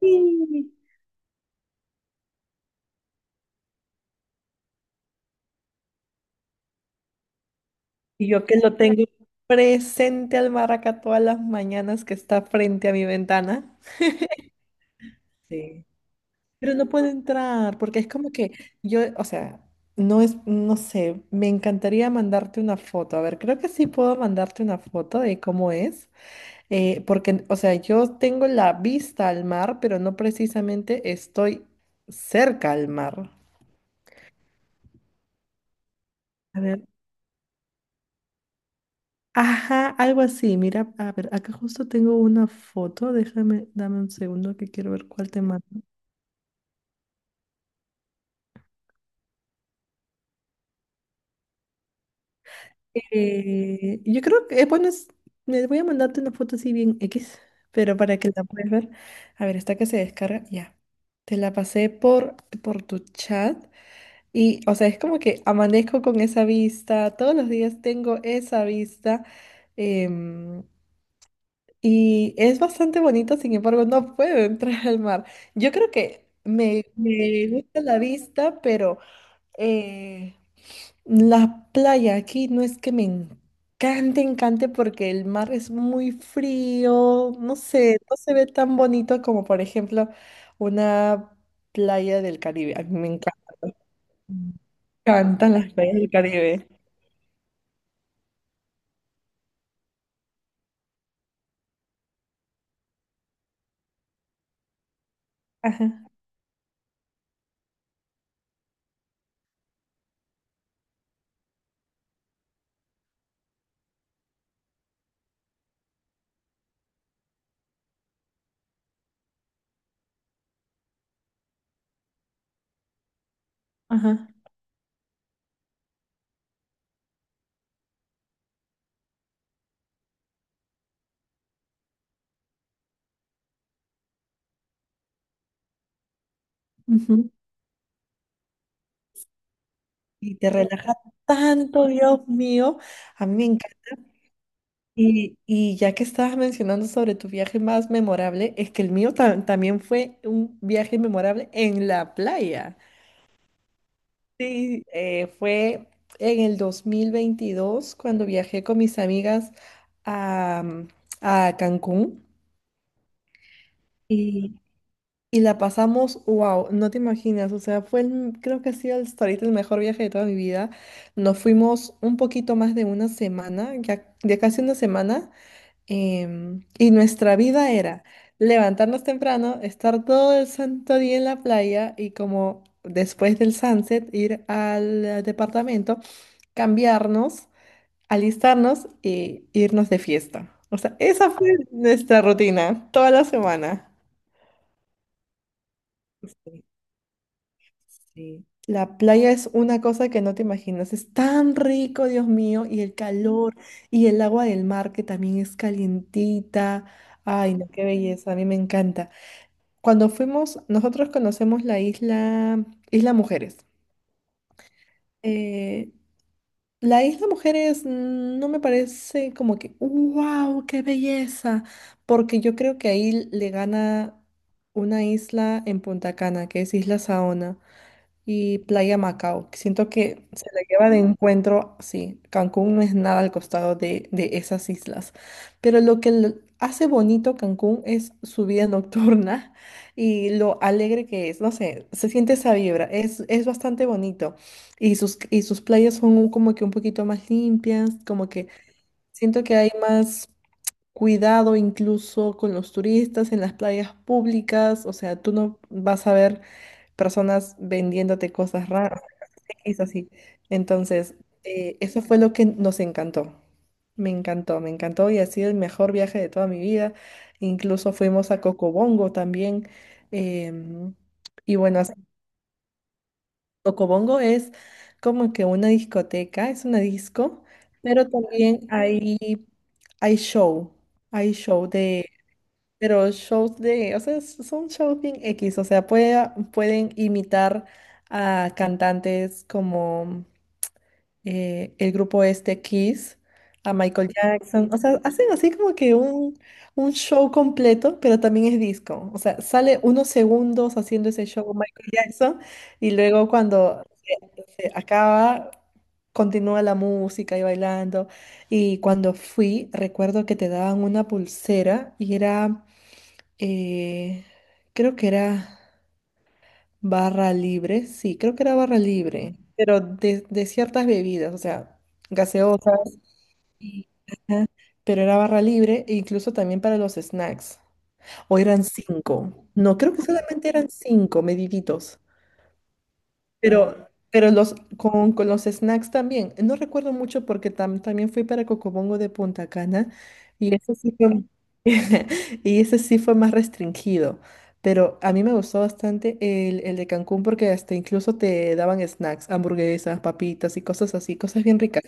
Sí. Y yo que lo tengo presente al maraca todas las mañanas que está frente a mi ventana. Sí. Pero no puedo entrar porque es como que yo, o sea, no es, no sé, me encantaría mandarte una foto. A ver, creo que sí puedo mandarte una foto de cómo es. Porque, o sea, yo tengo la vista al mar, pero no precisamente estoy cerca al mar. A ver. Ajá, algo así. Mira, a ver, acá justo tengo una foto. Déjame, dame un segundo que quiero ver cuál te mando. Yo creo que, bueno, me voy a mandarte una foto así bien X, pero para que la puedas ver. A ver, esta que se descarga, ya. Te la pasé por tu chat y, o sea, es como que amanezco con esa vista, todos los días tengo esa vista. em, Y es bastante bonito, sin embargo, no puedo entrar al mar. Yo creo que me gusta la vista, pero eh, la playa aquí no es que me encante, encante, porque el mar es muy frío, no sé, no se ve tan bonito como, por ejemplo, una playa del Caribe. A mí me encanta- Encantan las playas del Caribe. Ajá, ajá. Ujú. Y te relaja tanto, Dios mío. A mí me encanta. Y ya que estabas mencionando sobre tu viaje más memorable, es que el mío también fue un viaje memorable en la playa. Sí, fue en el 2022 cuando viajé con mis amigas a, a Cancún y, y la pasamos, wow, no te imaginas, o sea, creo que ha sido hasta ahorita el mejor viaje de toda mi vida. Nos fuimos un poquito más de una semana, ya, ya casi una semana. Em, y nuestra vida era levantarnos temprano, estar todo el santo día en la playa y como después del sunset ir al departamento, cambiarnos, alistarnos y irnos de fiesta. O sea, esa fue nuestra rutina toda la semana. Sí, sí. La playa es una cosa que no te imaginas. Es tan rico, Dios mío, y el calor y el agua del mar que también es calientita. Ay, no, qué belleza, a mí me encanta. Cuando fuimos, nosotros conocemos la isla, Isla Mujeres. Eh, la Isla Mujeres no me parece como que, wow, qué belleza, porque yo creo que ahí le gana una isla en Punta Cana, que es Isla Saona y Playa Macao. Siento que se la lleva de encuentro, sí, Cancún no es nada al costado de esas islas, pero lo que lo hace bonito Cancún es su vida nocturna y lo alegre que es, no sé, se siente esa vibra, es bastante bonito y sus playas son como que un poquito más limpias, como que siento que hay más... Cuidado incluso con los turistas en las playas públicas, o sea, tú no vas a ver personas vendiéndote cosas raras. Es así. Entonces, eso fue lo que nos encantó. Me encantó, me encantó y ha sido el mejor viaje de toda mi vida. Incluso fuimos a Cocobongo también. em, y bueno, as- Cocobongo es como que una discoteca, es una disco, pero también hay show, hay show de, pero shows de, o sea, son shows bien X, o sea, pueden imitar a cantantes como el grupo este Kiss, a Michael Jackson. O sea, hacen así como que un show completo, pero también es disco. O sea, sale unos segundos haciendo ese show Michael Jackson y luego cuando se acaba, continúa la música y bailando. Y cuando fui, recuerdo que te daban una pulsera y era, eh, creo que era... Barra libre, sí, creo que era barra libre, pero de ciertas bebidas, o sea, gaseosas, y- ajá, pero era barra libre, e incluso también para los snacks. O eran cinco. No, creo que solamente eran cinco, mediditos. Pero los, con los snacks también. No recuerdo mucho porque también fui para Cocobongo de Punta Cana y ese sí fue, y ese sí fue más restringido. Pero a mí me gustó bastante el de Cancún porque hasta incluso te daban snacks, hamburguesas, papitas y cosas así, cosas bien ricas.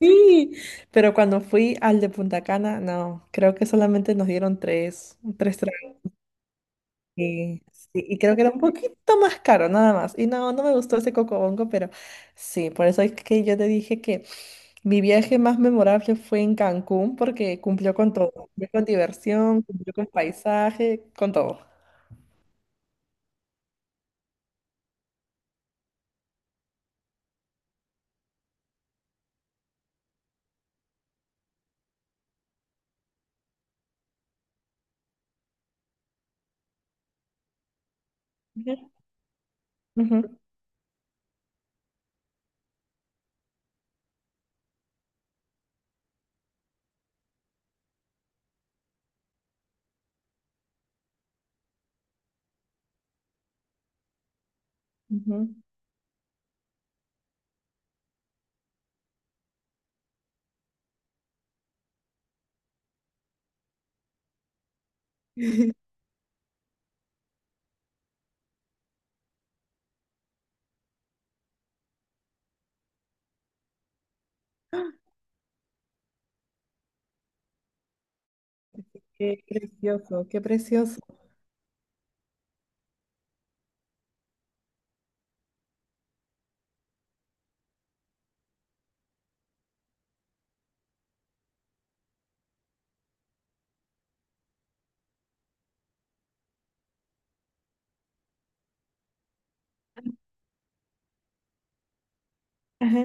Sí, pero cuando fui al de Punta Cana, no, creo que solamente nos dieron tres, tres. Sí, sí, y creo que era un poquito más caro, nada más. Y no, no me gustó ese cocobongo, pero sí, por eso es que yo te dije que mi viaje más memorable fue en Cancún, porque cumplió con todo. Cumplió con diversión, cumplió con paisaje, con todo. Ujú, ujú, ujú. Qué precioso, qué precioso. Ajá.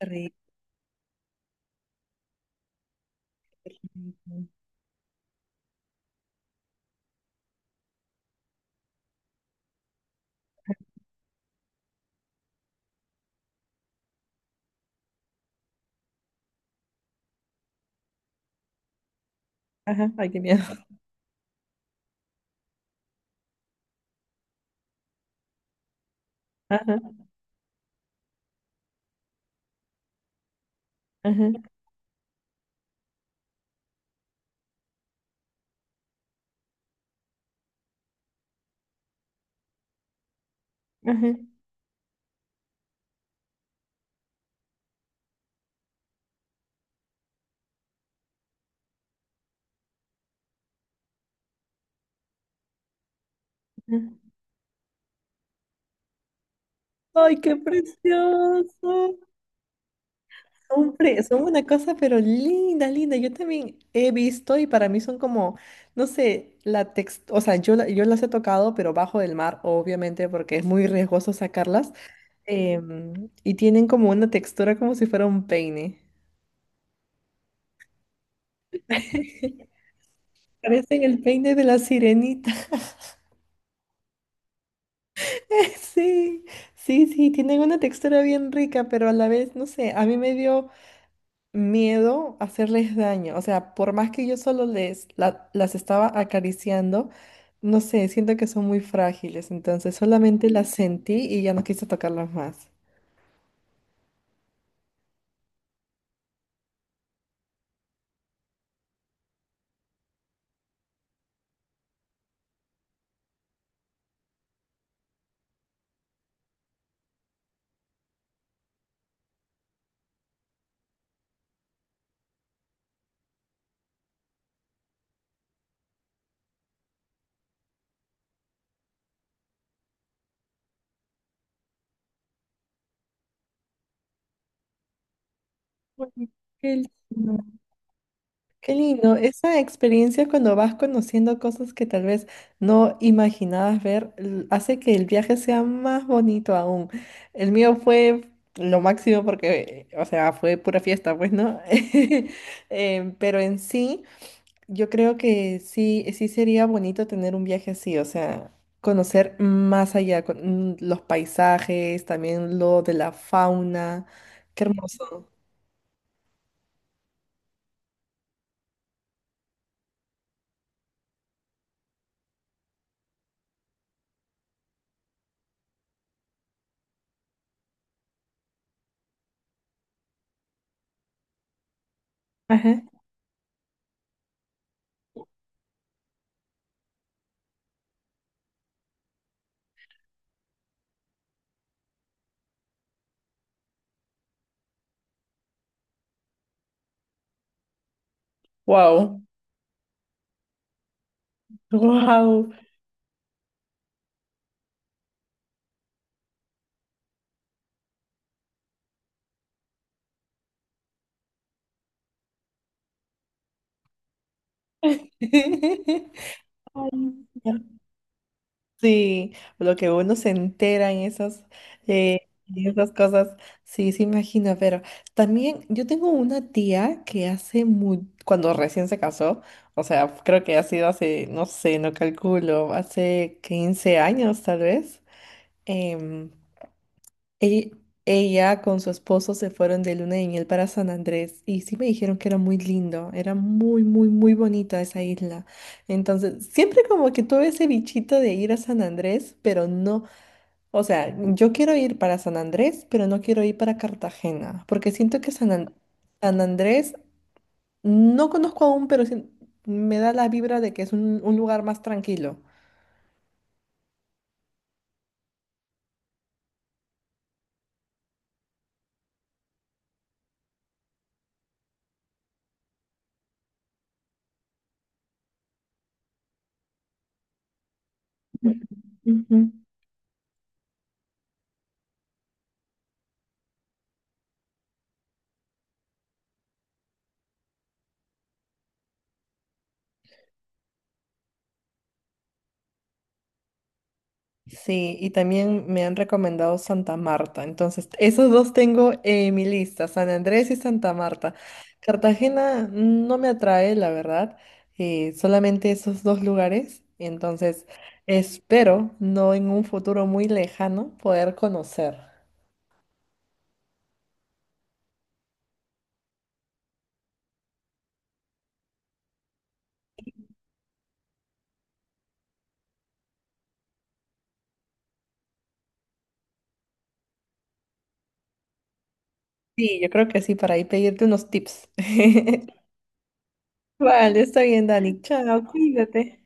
Rico. Ajá, ay, qué miedo. Ajá, ajá, ajá, ajá. Ay, qué precioso. Hombre, son una cosa, pero linda, linda. Yo también he visto y para mí son como, no sé, o sea, yo, yo las he tocado, pero bajo del mar, obviamente, porque es muy riesgoso sacarlas. em, y tienen como una textura como si fuera un peine. Parecen el peine de la sirenita. Sí, sí, sí, tienen una textura bien rica, pero a la vez, no sé, a mí me dio miedo a hacerles daño. O sea, por más que yo solo las estaba acariciando, no sé, siento que son muy frágiles. Entonces solamente las sentí y ya no quise tocarlas más. Bueno, qué lindo. Qué lindo. Esa experiencia cuando vas conociendo cosas que tal vez no imaginabas ver, hace que el viaje sea más bonito aún. El mío fue lo máximo porque, o sea, fue pura fiesta, pues, ¿no? Em, pero en sí. Yo creo que sí, sí sería bonito tener un viaje así, o sea, conocer más allá, los paisajes, también lo de la fauna. Qué hermoso. Ajá. Wow. Wow. Sí, lo que uno se entera en esas cosas, sí, se imagina, pero también yo tengo una tía que hace muy, cuando recién se casó, o sea, creo que ha sido hace, no sé, no calculo, hace 15 años tal vez, em, Ell- Ella, con su esposo se fueron de luna de miel para San Andrés y sí me dijeron que era muy lindo, era muy, muy, muy bonita esa isla. Entonces, siempre como que tuve ese bichito de ir a San Andrés, pero no, o sea, yo quiero ir para San Andrés, pero no quiero ir para Cartagena, porque siento que San Andrés, no conozco aún, pero sí me da la vibra de que es un lugar más tranquilo. Ujú. Sí, y también me han recomendado Santa Marta. Entonces, esos dos tengo en mi lista, San Andrés y Santa Marta. Cartagena no me atrae, la verdad, solamente esos dos lugares. Entonces, espero no en un futuro muy lejano poder conocer. Sí, yo creo que sí, para ahí pedirte unos tips. Vale, está bien, Dani. Chao, cuídate.